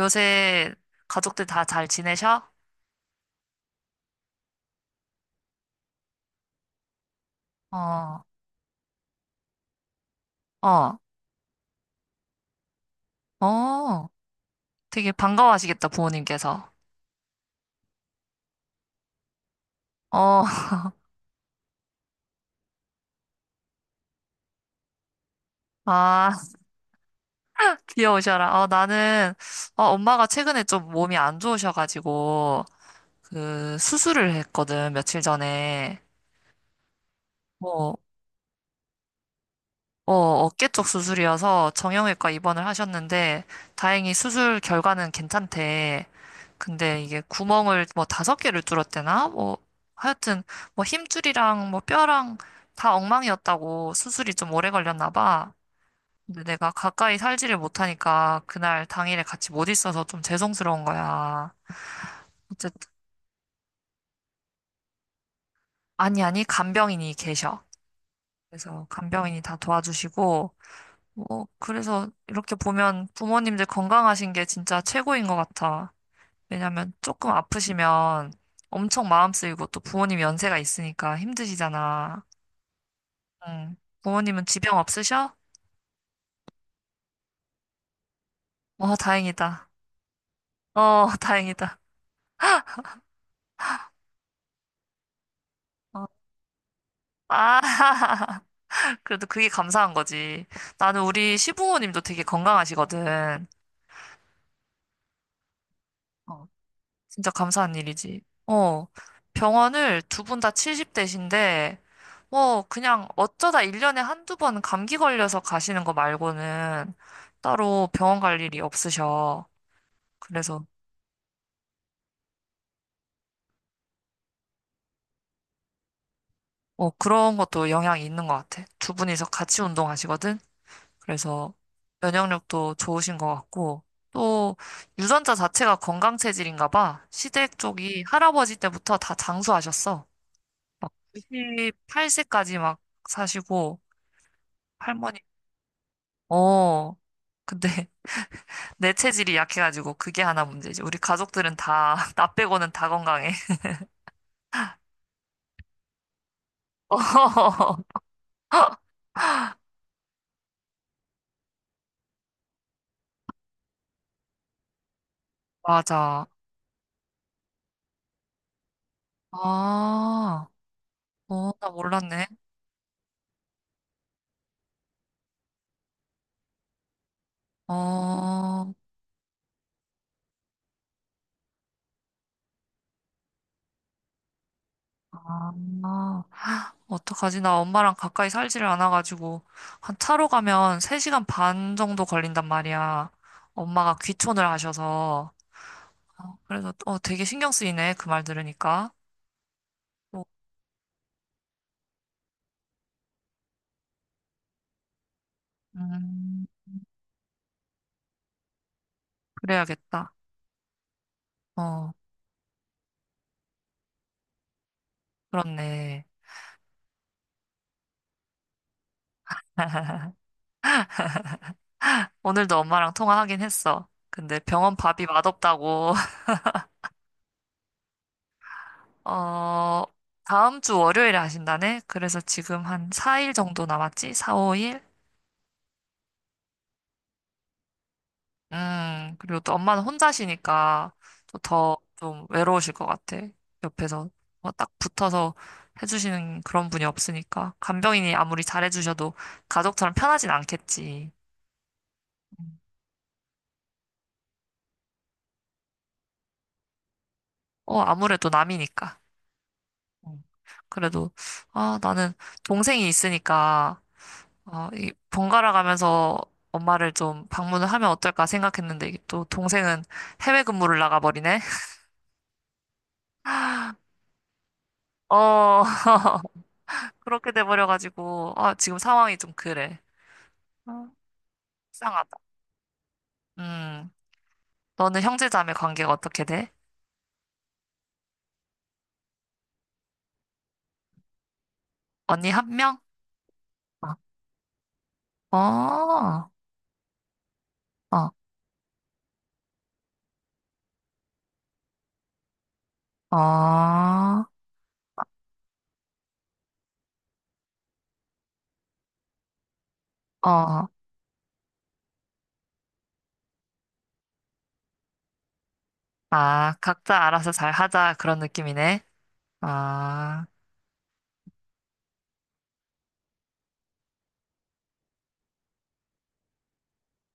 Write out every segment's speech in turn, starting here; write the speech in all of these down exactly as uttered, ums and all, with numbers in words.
요새 가족들 다 잘 지내셔? 어, 어, 어. 되게 반가워하시겠다, 부모님께서. 어, 아, 귀여우셔라. 어, 나는, 어, 엄마가 최근에 좀 몸이 안 좋으셔가지고, 그, 수술을 했거든, 며칠 전에. 뭐, 어, 어깨 쪽 수술이어서 정형외과 입원을 하셨는데 다행히 수술 결과는 괜찮대. 근데 이게 구멍을 뭐 다섯 개를 뚫었대나? 뭐 하여튼 뭐 힘줄이랑 뭐 뼈랑 다 엉망이었다고 수술이 좀 오래 걸렸나 봐. 근데 내가 가까이 살지를 못하니까 그날 당일에 같이 못 있어서 좀 죄송스러운 거야. 어쨌든 아니 아니 간병인이 계셔. 그래서 간병인이 다 도와주시고 어, 그래서 이렇게 보면 부모님들 건강하신 게 진짜 최고인 것 같아. 왜냐면 조금 아프시면 엄청 마음 쓰이고 또 부모님 연세가 있으니까 힘드시잖아. 응. 부모님은 지병 없으셔? 어, 다행이다. 어, 다행이다. 어. 아, 그래도 그게 감사한 거지. 나는 우리 시부모님도 되게 건강하시거든. 어. 진짜 감사한 일이지. 어, 병원을 두 분 다 칠십 대신데, 뭐, 그냥 어쩌다 일 년에 한두 번 감기 걸려서 가시는 거 말고는 따로 병원 갈 일이 없으셔. 그래서, 어, 그런 것도 영향이 있는 것 같아. 두 분이서 같이 운동하시거든? 그래서 면역력도 좋으신 것 같고, 또 유전자 자체가 건강 체질인가 봐. 시댁 쪽이 할아버지 때부터 다 장수하셨어. 구십팔 세까지 막 사시고, 어. 근데 내 체질이 약해가지고 그게 하나 문제지. 우리 가족들은 다, 나 빼고는 다 건강해. 어, 맞아. 아, 어, 나 몰랐네. 어, 아, 어떡하지? 나 엄마랑 가까이 살지를 않아가지고, 한 차로 가면 세 시간 반 정도 걸린단 말이야. 엄마가 귀촌을 하셔서. 어, 그래서, 어, 되게 신경 쓰이네. 그 말 들으니까. 어, 음, 그래야겠다. 어, 그렇네. 오늘도 엄마랑 통화하긴 했어. 근데 병원 밥이 맛없다고. 어, 다음 주 월요일에 하신다네? 그래서 지금 한 사 일 정도 남았지? 사, 오 일? 음, 그리고 또 엄마는 혼자시니까 또 더 좀 외로우실 것 같아. 옆에서 뭐딱 붙어서 해주시는 그런 분이 없으니까. 간병인이 아무리 잘해주셔도 가족처럼 편하진 않겠지. 음. 어, 아무래도 남이니까. 음. 그래도, 아, 나는 동생이 있으니까 어, 이 번갈아 가면서 엄마를 좀 방문을 하면 어떨까 생각했는데 이게 또 동생은 해외 근무를 나가버리네. 어, 그렇게 돼버려가지고 아, 지금 상황이 좀 그래. 어, 이상하다. 음, 너는 형제 자매 관계가 어떻게 돼? 언니 한 명? 어, 어, 어, 어, 어. 어. 아, 각자 알아서 잘 하자 그런 느낌이네. 아.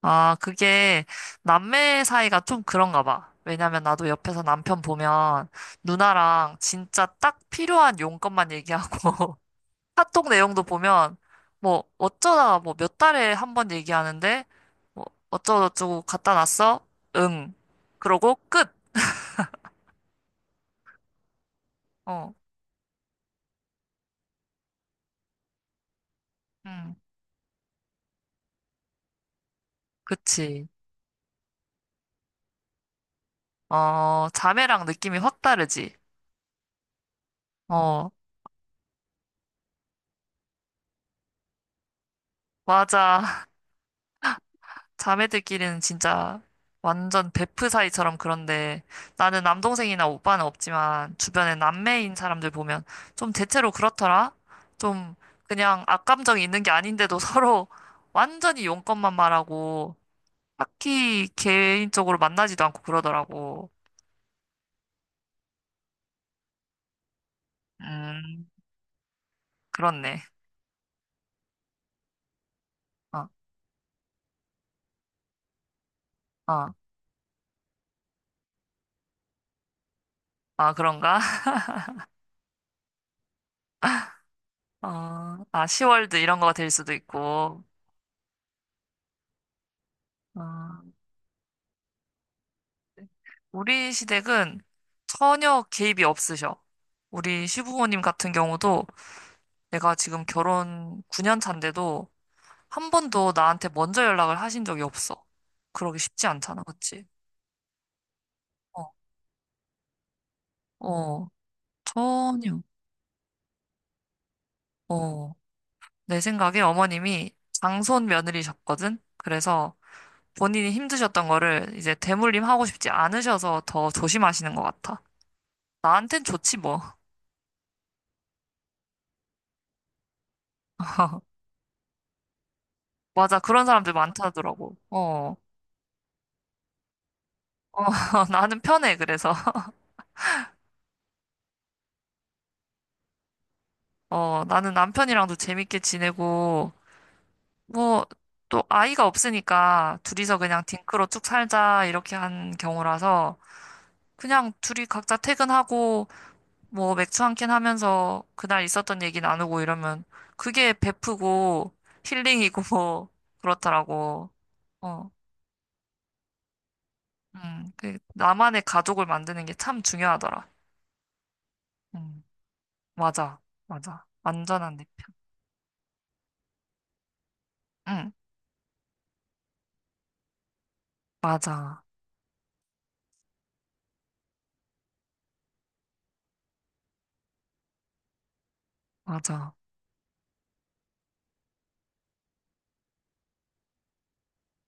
아, 그게 남매 사이가 좀 그런가 봐. 왜냐면 나도 옆에서 남편 보면 누나랑 진짜 딱 필요한 용건만 얘기하고 카톡 내용도 보면 뭐 어쩌다가 뭐 몇 달에 한 번 얘기하는데 뭐 어쩌고저쩌고 갖다 놨어? 응. 그러고 끝. 어. 음. 그치. 어, 자매랑 느낌이 확 다르지. 어, 맞아. 자매들끼리는 진짜 완전 베프 사이처럼 그런데 나는 남동생이나 오빠는 없지만 주변에 남매인 사람들 보면 좀 대체로 그렇더라. 좀 그냥 악감정이 있는 게 아닌데도 서로 완전히 용건만 말하고 딱히 개인적으로 만나지도 않고 그러더라고. 음, 그렇네. 어, 어, 아, 그런가? 어, 아, 시월드 이런 거가 될 수도 있고. 어. 우리 시댁은 전혀 개입이 없으셔. 우리 시부모님 같은 경우도 내가 지금 결혼 구 년 차인데도 한 번도 나한테 먼저 연락을 하신 적이 없어. 그러기 쉽지 않잖아, 그치? 어, 어, 전혀. 어, 내 생각에 어머님이 장손 며느리셨거든? 그래서 본인이 힘드셨던 거를 이제 대물림 하고 싶지 않으셔서 더 조심하시는 것 같아. 나한텐 좋지, 뭐. 맞아, 그런 사람들 많다더라고. 어. 어, 나는 편해, 그래서. 어, 나는 남편이랑도 재밌게 지내고, 뭐, 또 아이가 없으니까 둘이서 그냥 딩크로 쭉 살자, 이렇게 한 경우라서, 그냥 둘이 각자 퇴근하고, 뭐, 맥주 한 캔 하면서 그날 있었던 얘기 나누고 이러면, 그게 베프고, 힐링이고, 뭐, 그렇더라고. 어, 음, 그, 나만의 가족을 만드는 게 참 중요하더라. 음, 맞아, 맞아. 완전한 내 편. 응, 맞아, 맞아.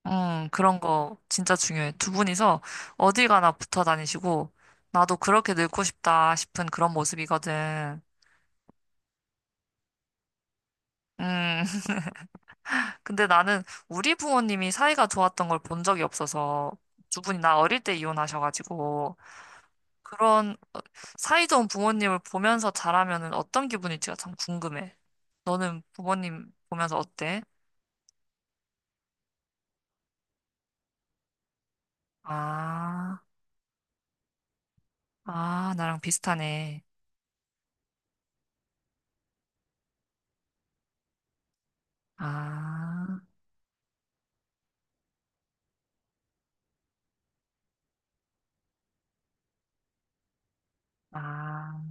음, 그런 거 진짜 중요해. 두 분이서 어디 가나 붙어 다니시고, 나도 그렇게 늙고 싶다 싶은 그런 모습이거든. 음, 근데 나는 우리 부모님이 사이가 좋았던 걸 본 적이 없어서, 두 분이 나 어릴 때 이혼하셔가지고, 그런 어, 사이좋은 부모님을 보면서 자라면은 어떤 기분일지가 참 궁금해. 너는 부모님 보면서 어때? 아, 아, 나랑 비슷하네. 아, 아.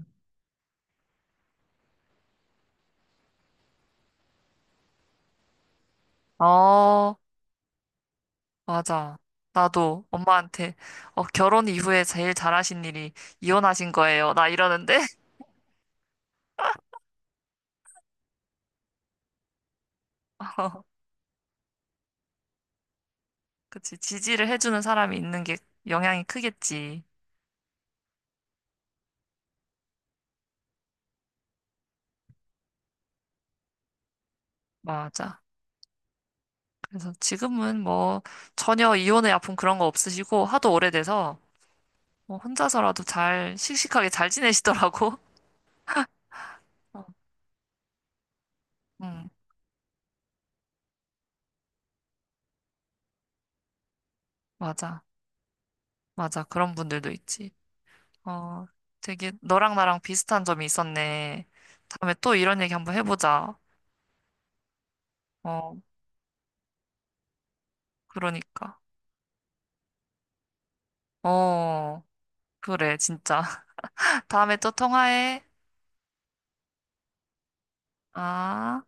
어, 맞아. 나도 엄마한테 어, 결혼 이후에 제일 잘하신 일이 이혼하신 거예요. 나 이러는데. 어, 그치. 지지를 해주는 사람이 있는 게 영향이 크겠지. 맞아. 그래서 지금은 뭐 전혀 이혼의 아픔 그런 거 없으시고 하도 오래돼서 뭐 혼자서라도 잘 씩씩하게 잘 지내시더라고. 어, 응, 맞아. 맞아. 그런 분들도 있지. 어, 되게 너랑 나랑 비슷한 점이 있었네. 다음에 또 이런 얘기 한번 해보자. 어, 그러니까. 어, 그래, 진짜. 다음에 또 통화해. 아.